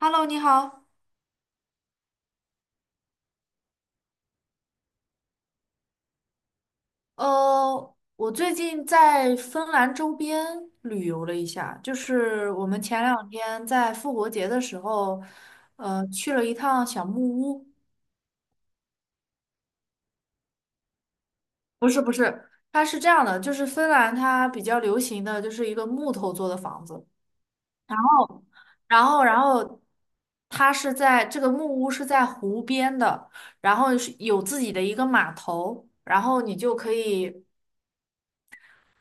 Hello，你好。我最近在芬兰周边旅游了一下，就是我们前两天在复活节的时候，去了一趟小木屋。不是不是，它是这样的，就是芬兰它比较流行的就是一个木头做的房子，然后它是在这个木屋是在湖边的，然后是有自己的一个码头，然后你就可以。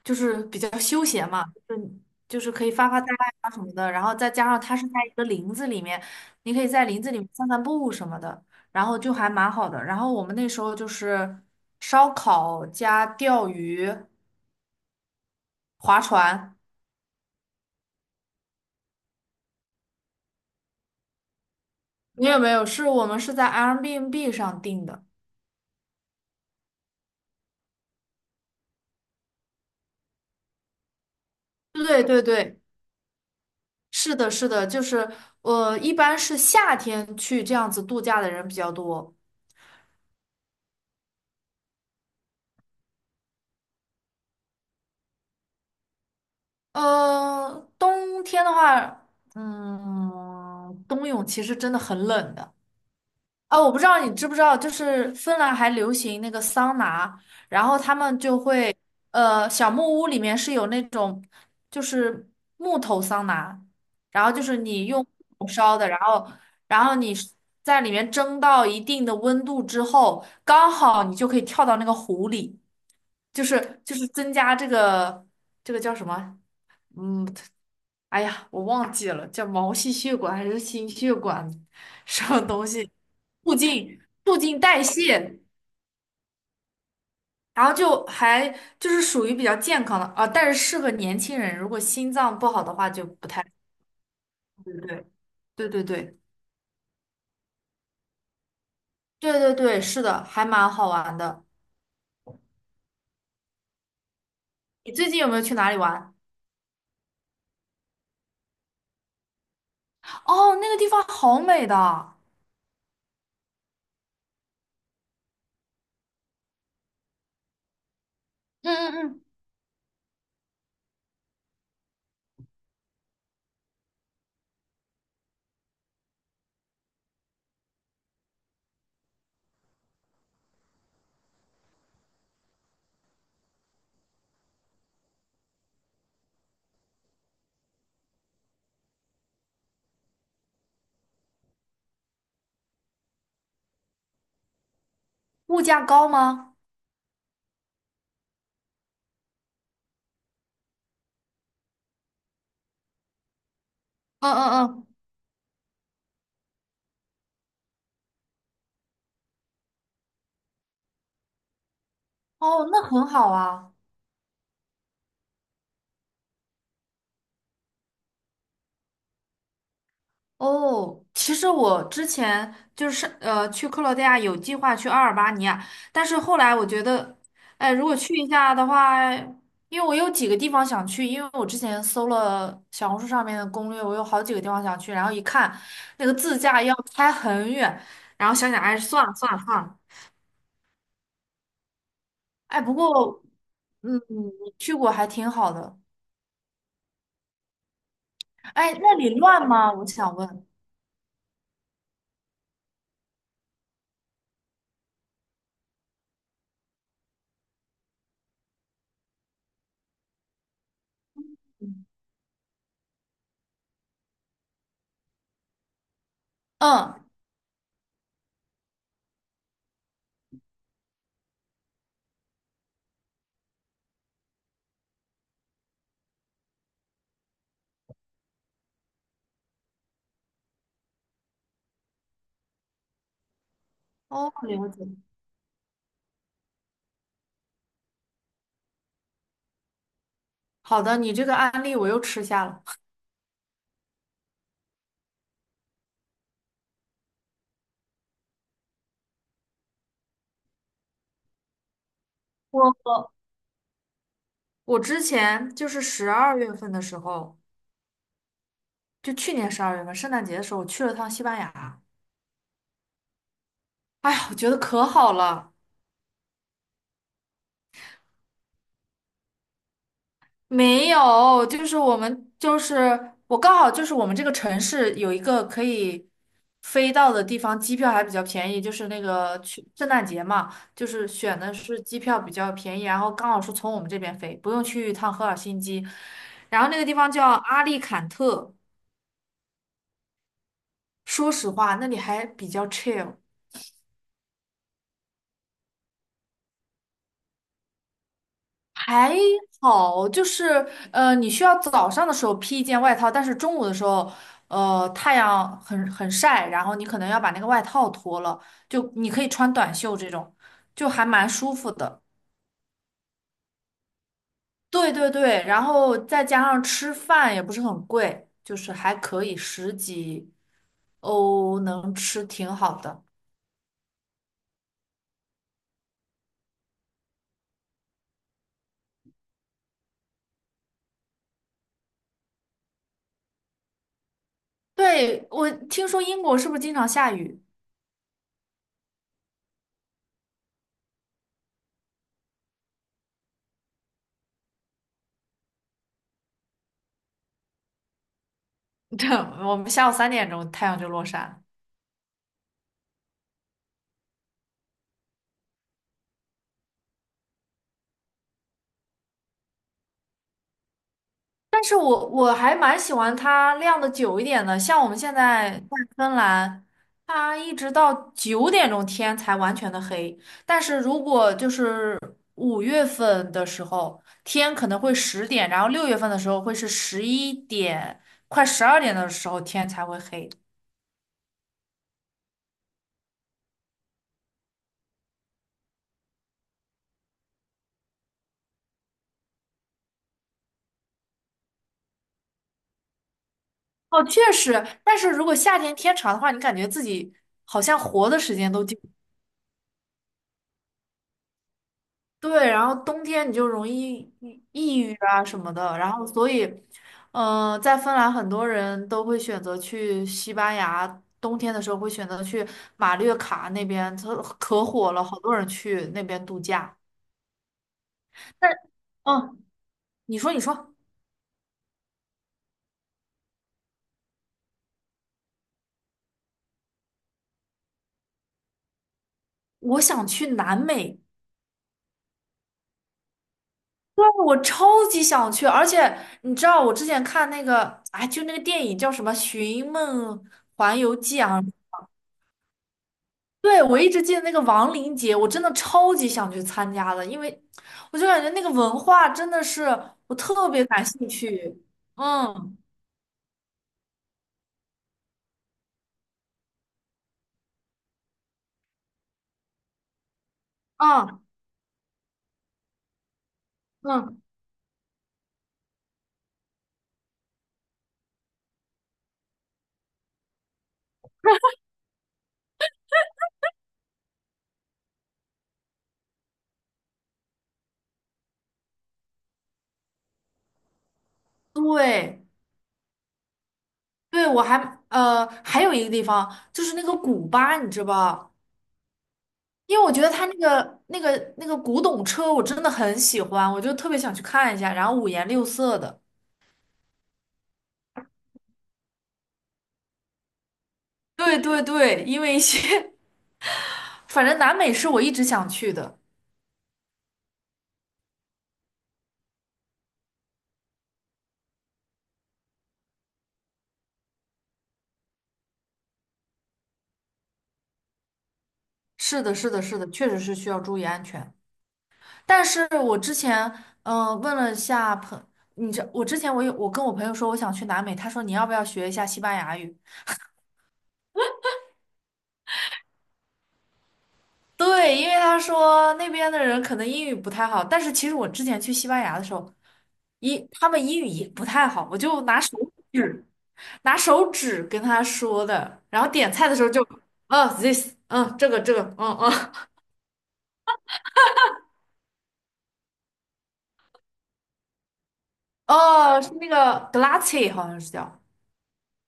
就是比较休闲嘛，就是可以发发呆啊什么的，然后再加上它是在一个林子里面，你可以在林子里面散散步什么的，然后就还蛮好的。然后我们那时候就是烧烤加钓鱼、划船，没有没有，是我们是在 Airbnb 上订的。对对对，是的，是的，就是我一般是夏天去这样子度假的人比较多。冬天的话，冬泳其实真的很冷的啊。我不知道你知不知道，就是芬兰还流行那个桑拿，然后他们就会，小木屋里面是有那种就是木头桑拿，然后就是你用火烧的，然后你在里面蒸到一定的温度之后，刚好你就可以跳到那个湖里，就是增加这个叫什么？嗯，哎呀，我忘记了叫毛细血管还是心血管什么东西，促进促进代谢，然后就还就是属于比较健康的啊，但是适合年轻人，如果心脏不好的话就不太，对对对对对对对对对，是的，还蛮好玩的。你最近有没有去哪里玩？哦，那个地方好美的，嗯嗯嗯物价高吗？嗯嗯嗯，哦，那很好啊。哦，其实我之前就是去克罗地亚有计划去阿尔巴尼亚，但是后来我觉得，哎，如果去一下的话，因为我有几个地方想去，因为我之前搜了小红书上面的攻略，我有好几个地方想去，然后一看那个自驾要开很远，然后想想，哎，算了算了算了，哎，不过你去过还挺好的，哎，那里乱吗？我想问。嗯，哦，了解。好的，你这个案例我又吃下了。我。我之前就是十二月份的时候，就去年十二月份圣诞节的时候，我去了趟西班牙。哎呀，我觉得可好了。没有，就是我们就是我刚好就是我们这个城市有一个可以飞到的地方，机票还比较便宜，就是那个去圣诞节嘛，就是选的是机票比较便宜，然后刚好是从我们这边飞，不用去一趟赫尔辛基。然后那个地方叫阿利坎特，说实话，那里还比较 chill。还好，就是你需要早上的时候披一件外套，但是中午的时候，太阳很晒，然后你可能要把那个外套脱了，就你可以穿短袖这种，就还蛮舒服的。对对对，然后再加上吃饭也不是很贵，就是还可以十几欧能吃挺好的。对，我听说英国是不是经常下雨？对，我们下午3点钟太阳就落山了。但是我还蛮喜欢它晾的久一点的，像我们现在在芬兰，它一直到9点钟天才完全的黑。但是如果就是5月份的时候，天可能会10点，然后6月份的时候会是11点，快12点的时候天才会黑。哦，确实，但是如果夏天天长的话，你感觉自己好像活的时间都久。对，然后冬天你就容易抑郁啊什么的，然后所以，在芬兰很多人都会选择去西班牙，冬天的时候会选择去马略卡那边，它可火了，好多人去那边度假。但，嗯，你说你说，我想去南美，对，我超级想去，而且你知道我之前看那个，哎，就那个电影叫什么《寻梦环游记》啊，对，我一直记得那个亡灵节，我真的超级想去参加的，因为我就感觉那个文化真的是我特别感兴趣。嗯嗯嗯，对对，还有一个地方就是那个古巴，你知道吧？因为我觉得它那个古董车我真的很喜欢，我就特别想去看一下，然后五颜六色的。对对对，因为一些 反正南美是我一直想去的。是的，是的，是的，确实是需要注意安全。但是我之前问了一下你知我之前我有我跟我朋友说我想去南美，他说你要不要学一下西班牙语？对，因为他说那边的人可能英语不太好，但是其实我之前去西班牙的时候，他们英语也不太好，我就指拿手指跟他说的，然后点菜的时候就，哦，this，这个，嗯嗯，哦，是那个 glace 好像是叫，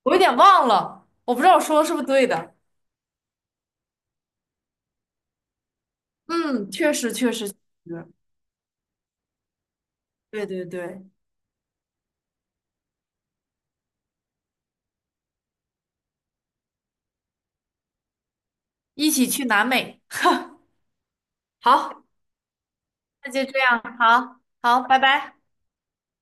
我有点忘了，我不知道我说的是不是对的。嗯，确实确实。对对对，一起去南美。好，那就这样，好好，拜拜。